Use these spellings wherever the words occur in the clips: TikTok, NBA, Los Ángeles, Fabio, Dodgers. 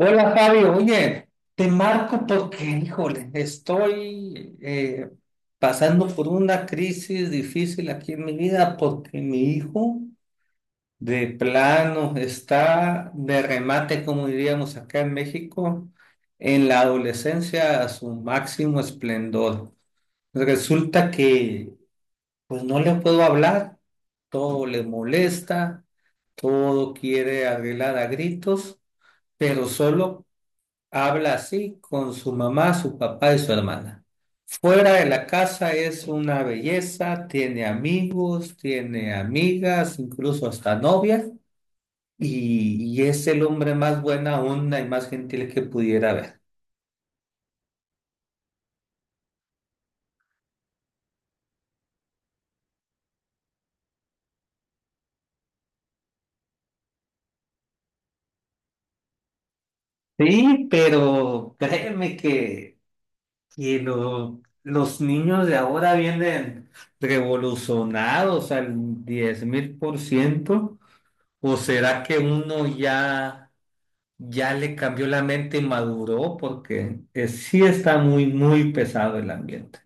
Hola Fabio, oye, te marco porque, híjole, estoy pasando por una crisis difícil aquí en mi vida porque mi hijo de plano está de remate, como diríamos acá en México, en la adolescencia a su máximo esplendor. Resulta que pues no le puedo hablar, todo le molesta, todo quiere arreglar a gritos pero solo habla así con su mamá, su papá y su hermana. Fuera de la casa es una belleza, tiene amigos, tiene amigas, incluso hasta novias y es el hombre más buena onda y más gentil que pudiera haber. Sí, pero créeme que los niños de ahora vienen revolucionados al 10.000%, o será que uno ya le cambió la mente y maduró porque sí está muy, muy pesado el ambiente.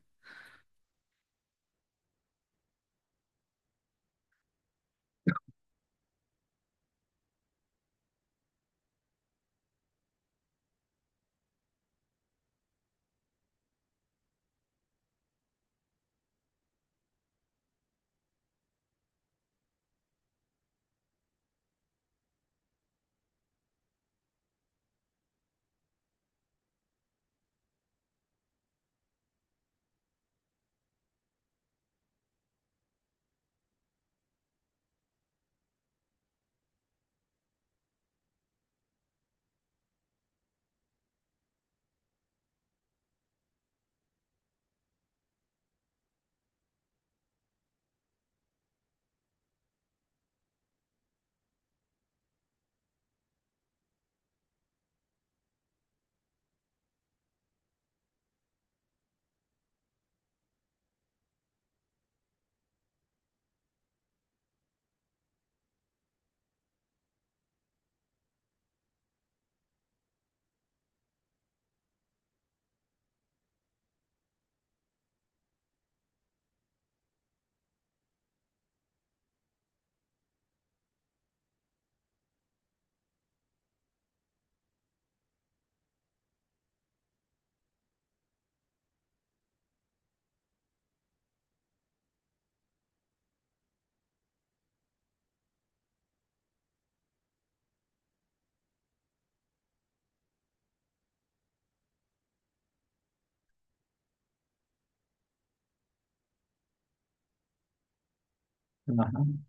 Ajá.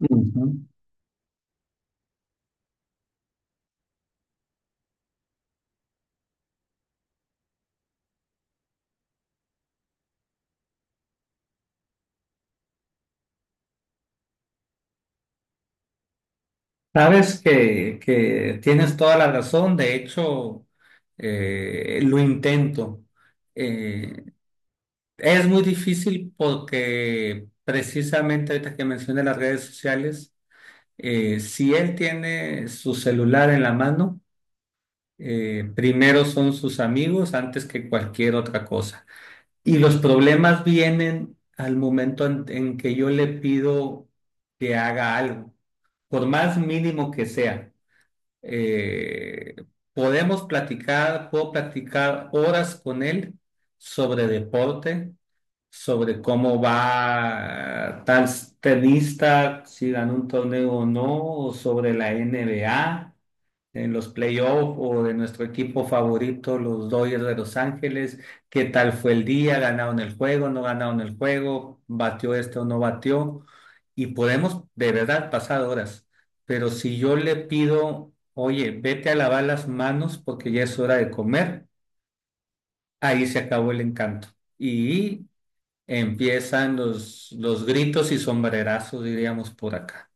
Ujú. Sabes que tienes toda la razón, de hecho, lo intento. Eh, es muy difícil porque precisamente ahorita que mencioné las redes sociales, si él tiene su celular en la mano, primero son sus amigos antes que cualquier otra cosa. Y los problemas vienen al momento en que yo le pido que haga algo, por más mínimo que sea. Eh, Podemos platicar, puedo platicar horas con él sobre deporte, sobre cómo va tal tenista, si ganó un torneo o no, o sobre la NBA en los playoffs o de nuestro equipo favorito, los Dodgers de Los Ángeles. ¿Qué tal fue el día? ¿Ganaron el juego? ¿No ganaron el juego? ¿Batió este o no batió? Y podemos de verdad pasar horas. Pero si yo le pido, oye, vete a lavar las manos porque ya es hora de comer, ahí se acabó el encanto. Y empiezan los gritos y sombrerazos, diríamos por acá.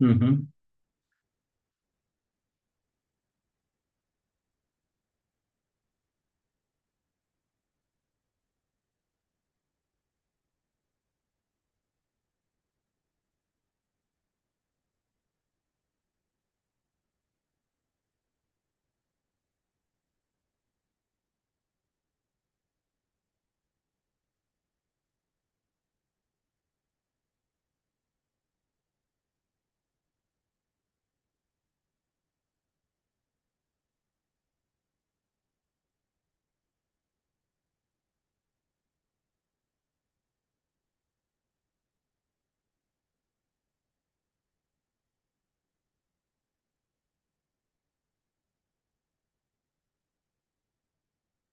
Ujú.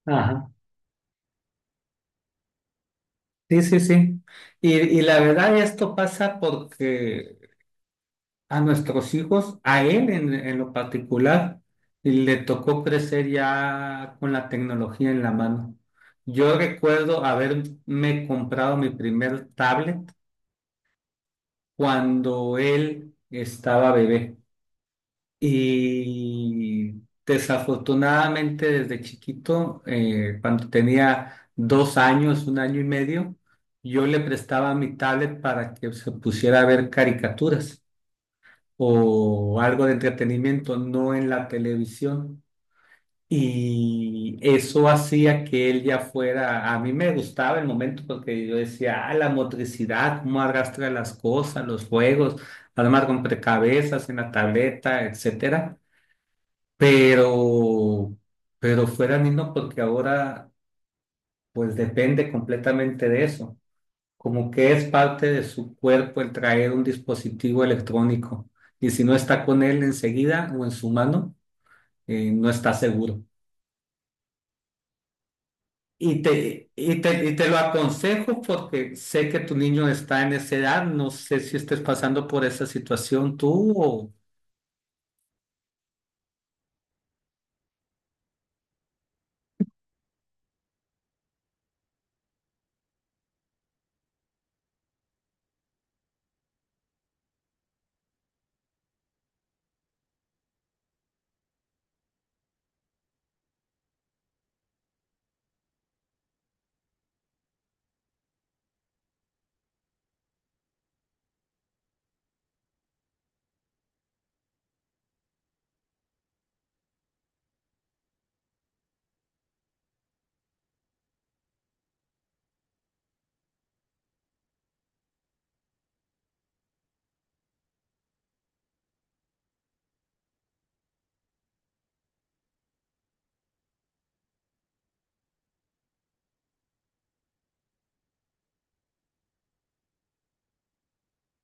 Ajá. Sí, sí, sí. Y la verdad, esto pasa porque a nuestros hijos, a él en lo particular, le tocó crecer ya con la tecnología en la mano. Yo recuerdo haberme comprado mi primer tablet cuando él estaba bebé. Y desafortunadamente desde chiquito, cuando tenía 2 años, un año y medio, yo le prestaba mi tablet para que se pusiera a ver caricaturas o algo de entretenimiento, no en la televisión. Y eso hacía que él ya fuera, a mí me gustaba el momento porque yo decía, ah, la motricidad, cómo arrastra las cosas, los juegos, armar rompecabezas en la tableta, etcétera, pero, pero fuera niño porque ahora pues depende completamente de eso, como que es parte de su cuerpo el traer un dispositivo electrónico y si no está con él enseguida o en su mano, no está seguro. Y te lo aconsejo porque sé que tu niño está en esa edad, no sé si estés pasando por esa situación tú o...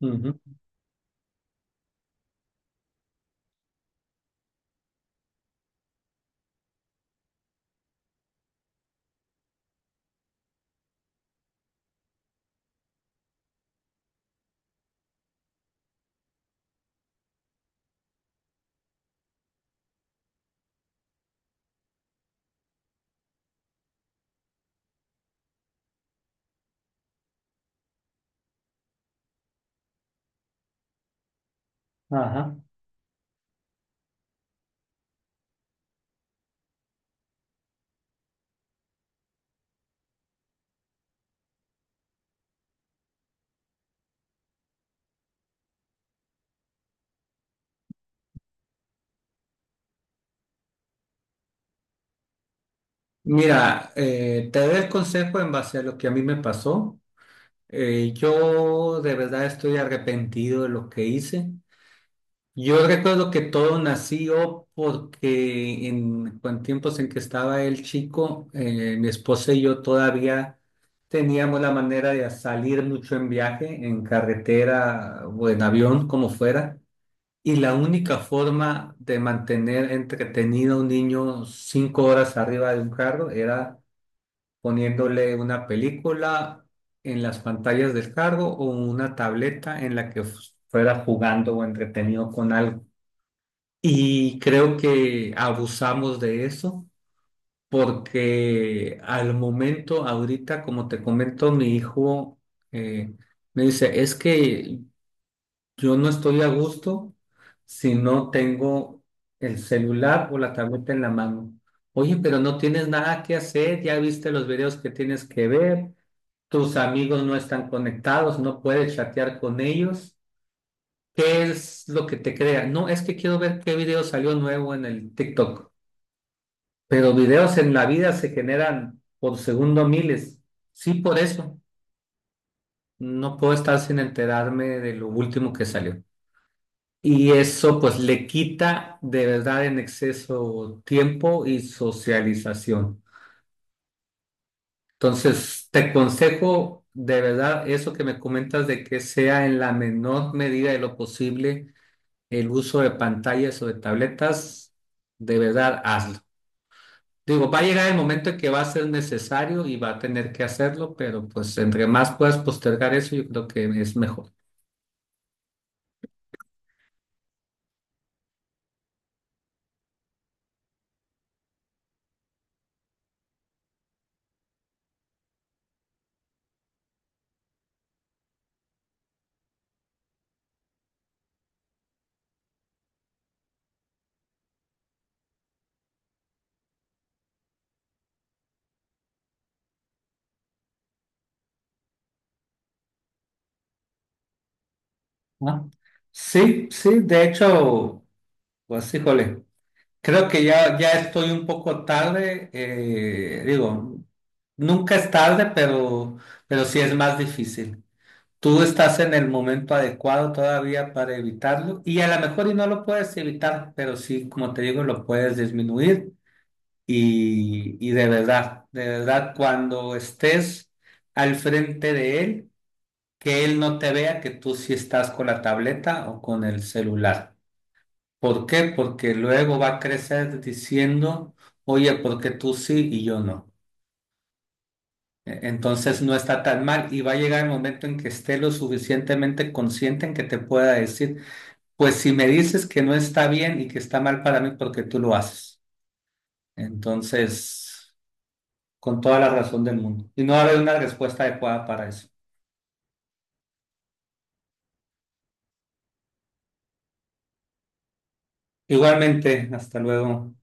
Ujú. Ajá. Mira, te doy el consejo en base a lo que a mí me pasó. Yo de verdad estoy arrepentido de lo que hice. Yo recuerdo que todo nació porque en tiempos en que estaba el chico, mi esposa y yo todavía teníamos la manera de salir mucho en viaje, en carretera o en avión, como fuera. Y la única forma de mantener entretenido a un niño 5 horas arriba de un carro era poniéndole una película en las pantallas del cargo o una tableta en la que fuera jugando o entretenido con algo. Y creo que abusamos de eso porque al momento, ahorita, como te comento, mi hijo eh, me dice, es que yo no estoy a gusto si no tengo el celular o la tableta en la mano. Oye, pero no tienes nada que hacer, ya viste los videos que tienes que ver, tus amigos no están conectados, no puedes chatear con ellos. ¿Qué es lo que te crea? No, es que quiero ver qué video salió nuevo en el TikTok. Pero videos en la vida se generan por segundo miles. Sí, por eso. No puedo estar sin enterarme de lo último que salió. Y eso pues le quita de verdad en exceso tiempo y socialización. Entonces, te aconsejo de verdad eso que me comentas de que sea en la menor medida de lo posible el uso de pantallas o de tabletas, de verdad hazlo. Digo, va a llegar el momento en que va a ser necesario y va a tener que hacerlo, pero pues entre más puedas postergar eso, yo creo que es mejor, ¿no? Sí, sí, de hecho, pues híjole. Creo que ya, ya estoy un poco tarde, digo, nunca es tarde, pero sí es más difícil. Tú estás en el momento adecuado todavía para evitarlo y a lo mejor y no lo puedes evitar, pero sí, como te digo, lo puedes disminuir y de verdad, cuando estés al frente de él, que él no te vea que tú sí estás con la tableta o con el celular. ¿Por qué? Porque luego va a crecer diciendo, oye, ¿por qué tú sí y yo no? E- Entonces no está tan mal y va a llegar el momento en que esté lo suficientemente consciente en que te pueda decir, pues si me dices que no está bien y que está mal para mí porque tú lo haces. Entonces, con toda la razón del mundo. Y no va a haber una respuesta adecuada para eso. Igualmente, hasta luego.